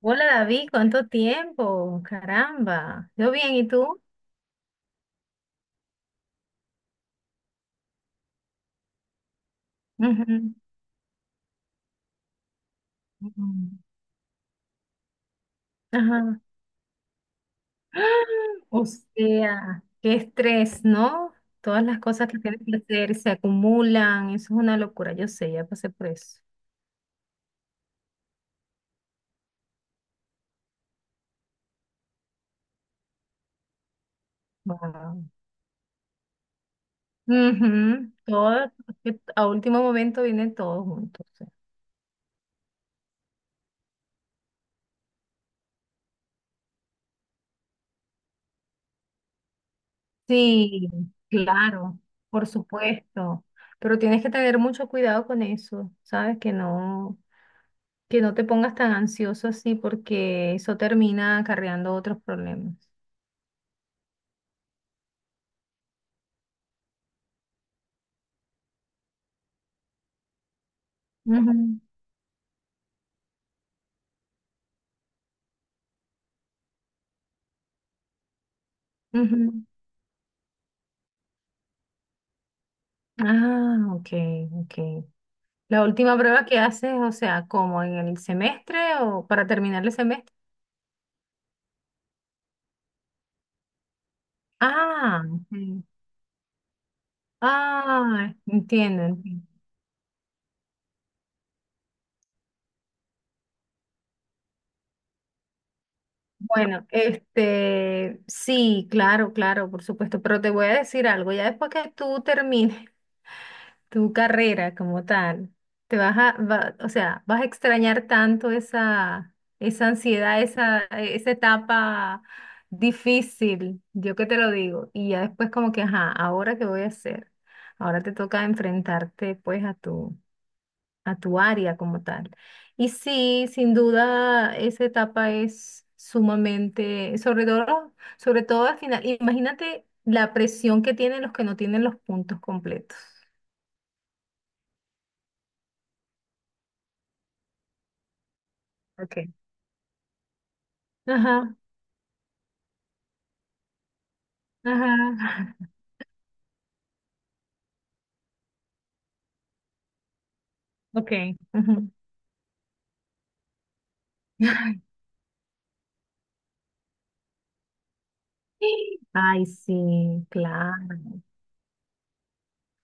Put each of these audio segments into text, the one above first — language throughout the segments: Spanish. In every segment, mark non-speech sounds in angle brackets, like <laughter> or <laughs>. Hola David, ¿cuánto tiempo? Caramba, yo bien, ¿y tú? Ujú. Ujú. Ajá. O sea, qué estrés, ¿no? Todas las cosas que tienes que hacer se acumulan, eso es una locura, yo sé, ya pasé por eso. Wow. Ujú, todo, que a último momento viene todo junto, o sea. Sí, claro, por supuesto, pero tienes que tener mucho cuidado con eso, ¿sabes? Que no, que no te pongas tan ansioso así porque eso termina acarreando otros problemas. Ujú, ujú. Ah, ok, ok. La última prueba que haces, o sea, como en el semestre o para terminar el semestre. Ah, ok. Ah, entiendo, entiendo. Bueno, este, sí, claro, claro, por supuesto, pero te voy a decir algo, ya después que tú termines tu carrera como tal, te vas a, o sea, vas a extrañar tanto esa, esa ansiedad, esa etapa difícil, yo que te lo digo, y ya después como que, ajá, ¿ahora qué voy a hacer? Ahora te toca enfrentarte pues a tu área como tal. Y sí, sin duda, esa etapa es sumamente, sobre todo al final, imagínate la presión que tienen los que no tienen los puntos completos. Ajá, ajá. <laughs> Ok. Ujú. Ay, sí, claro.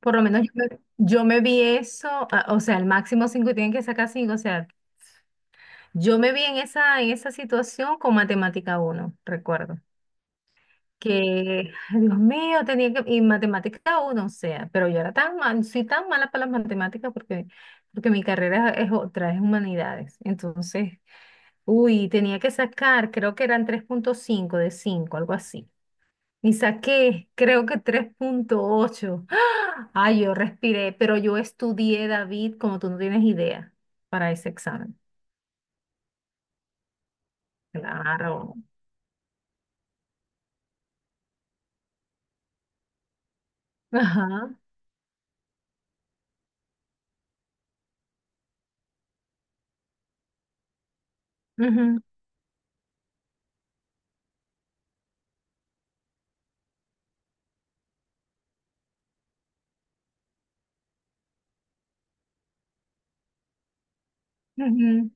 Por lo menos yo me vi eso, ah, o sea, el máximo cinco, tienen que sacar cinco, o sea, yo me vi en esa situación con matemática uno, recuerdo. Que, ay, Dios mío, tenía que, y matemática uno, o sea, pero yo era tan mal, soy tan mala para las matemáticas porque, porque mi carrera es otra, es humanidades. Entonces, uy, tenía que sacar, creo que eran tres punto cinco de cinco, algo así. Y saqué, creo que tres punto ocho. <gasps> ¡Ah! Ay, yo respiré, pero yo estudié, David, como tú no tienes idea, para ese examen. Claro. Ajá. Ujú, ujú.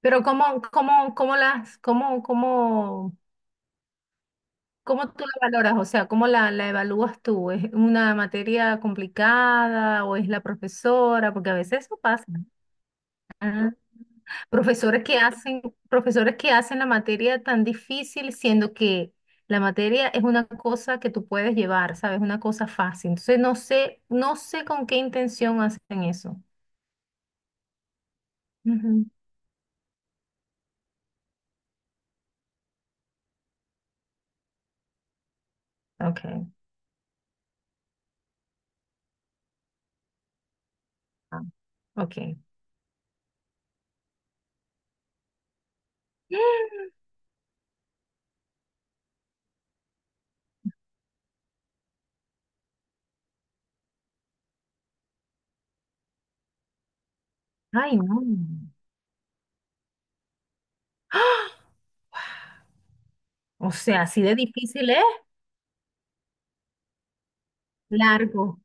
Pero ¿cómo, cómo, cómo las, cómo, cómo, cómo tú la valoras? O sea, ¿cómo la, la evalúas tú? ¿Es una materia complicada o es la profesora? Porque a veces eso pasa. Ah. Profesores que hacen, profesores que hacen la materia tan difícil, siendo que la materia es una cosa que tú puedes llevar, ¿sabes? Una cosa fácil. Entonces no sé, no sé con qué intención hacen eso. Ujú. Ok. Ah, ok. <gasps> Ay, no. O sea, así de difícil es. Largo.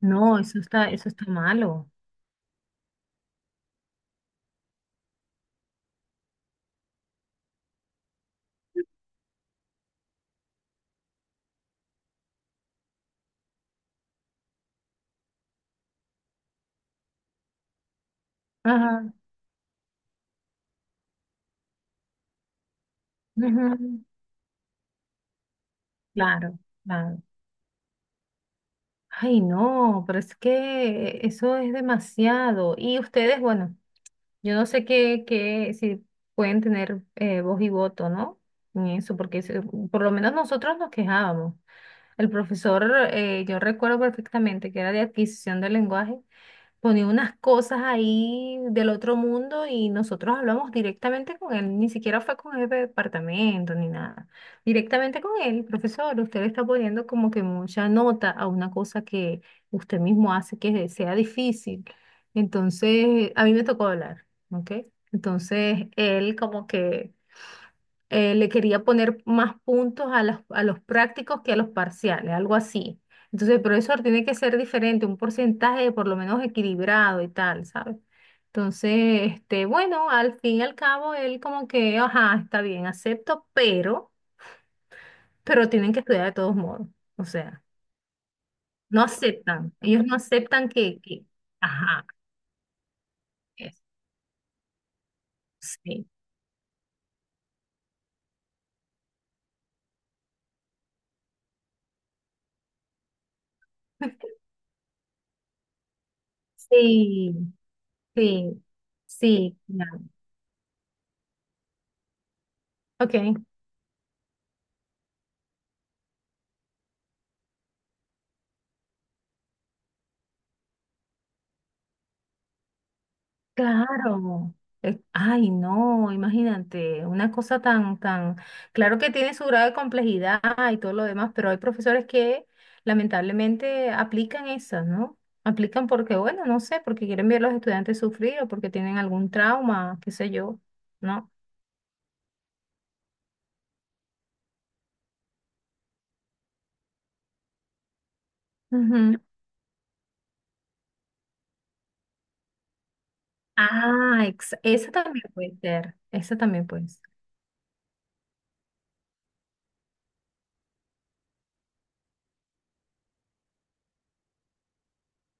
No, eso está malo. Ajá. Ujú. Claro, claro. Ay, no, pero es que eso es demasiado. Y ustedes, bueno. Yo no sé qué, qué, si pueden tener voz y voto, ¿no? En eso, porque por lo menos nosotros nos quejábamos. El profesor, yo recuerdo perfectamente que era de adquisición del lenguaje, ponía unas cosas ahí del otro mundo y nosotros hablamos directamente con él, ni siquiera fue con el jefe de departamento ni nada, directamente con él, profesor, usted le está poniendo como que mucha nota a una cosa que usted mismo hace que sea difícil. Entonces, a mí me tocó hablar, ¿ok? Entonces, él como que le quería poner más puntos a los prácticos que a los parciales, algo así. Entonces, el profesor tiene que ser diferente, un porcentaje por lo menos equilibrado y tal, ¿sabes? Entonces, este, bueno, al fin y al cabo, él como que, ajá, está bien, acepto, pero tienen que estudiar de todos modos. O sea, no aceptan, ellos no aceptan que, ajá, eso, sí, <laughs> sí, sí, sí, claro. Ok. Claro. Ay, no, imagínate, una cosa tan, tan, claro que tiene su grado de complejidad y todo lo demás, pero hay profesores que lamentablemente aplican esas, ¿no? Aplican porque, bueno, no sé, porque quieren ver a los estudiantes sufrir o porque tienen algún trauma, qué sé yo, ¿no? Ujú. Ah, esa también puede ser, esa también puede ser.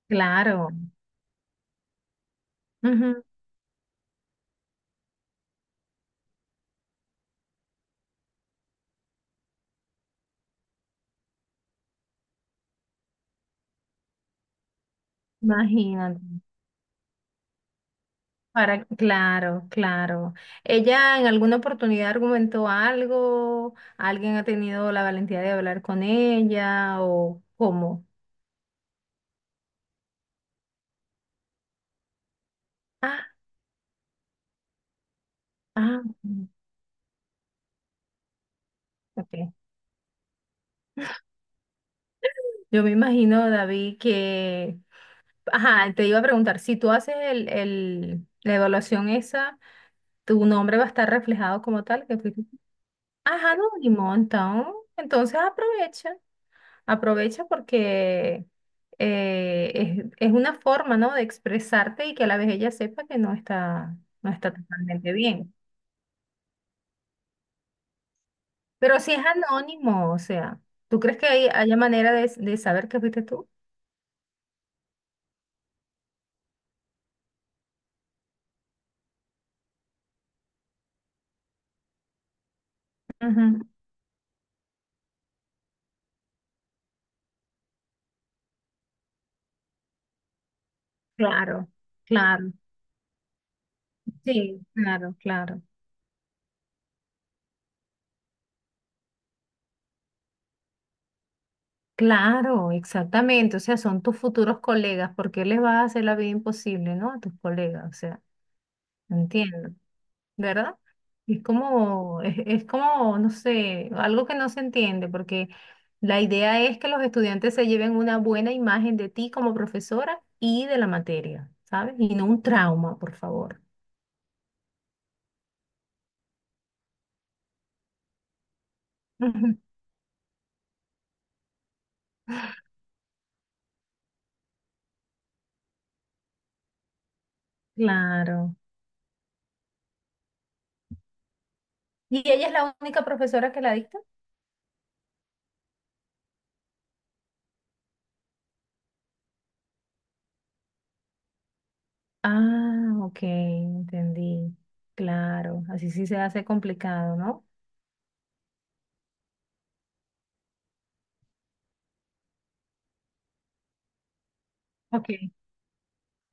Claro. Ujú, imagínate. Para, claro, claro. ¿Ella en alguna oportunidad argumentó algo? ¿Alguien ha tenido la valentía de hablar con ella? ¿O cómo? Ah, ah, mm, ok. Yo me imagino, David, que... Ajá, te iba a preguntar, si tú haces el, la evaluación esa, ¿tu nombre va a estar reflejado como tal? Que fuiste- Ajá, anónimo, entonces, entonces aprovecha. Aprovecha porque es una forma, ¿no? De expresarte y que a la vez ella sepa que no está, no está totalmente bien. Pero si es anónimo, o sea, ¿tú crees que hay, haya manera de saber que fuiste tú? Ujú. Claro, claro, sí, claro, claro. Claro, exactamente. O sea, son tus futuros colegas. ¿Por qué les vas a hacer la vida imposible, ¿no? A tus colegas, o sea, entiendo. ¿Verdad? Es como, no sé, algo que no se entiende, porque la idea es que los estudiantes se lleven una buena imagen de ti como profesora y de la materia, ¿sabes? Y no un trauma, por favor. Ujú. Claro. ¿Y ella es la única profesora que la dicta? Ah, ok, entendí. Claro, así sí se hace complicado, ¿no? Ok.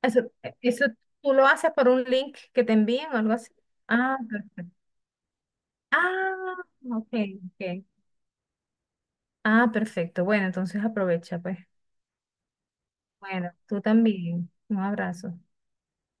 Eso, eso tú lo haces por un link que te envíen o algo así. Ah, perfecto. Ah, ok, ok. Ah, perfecto. Bueno, entonces aprovecha, pues. Bueno, tú también. Un abrazo.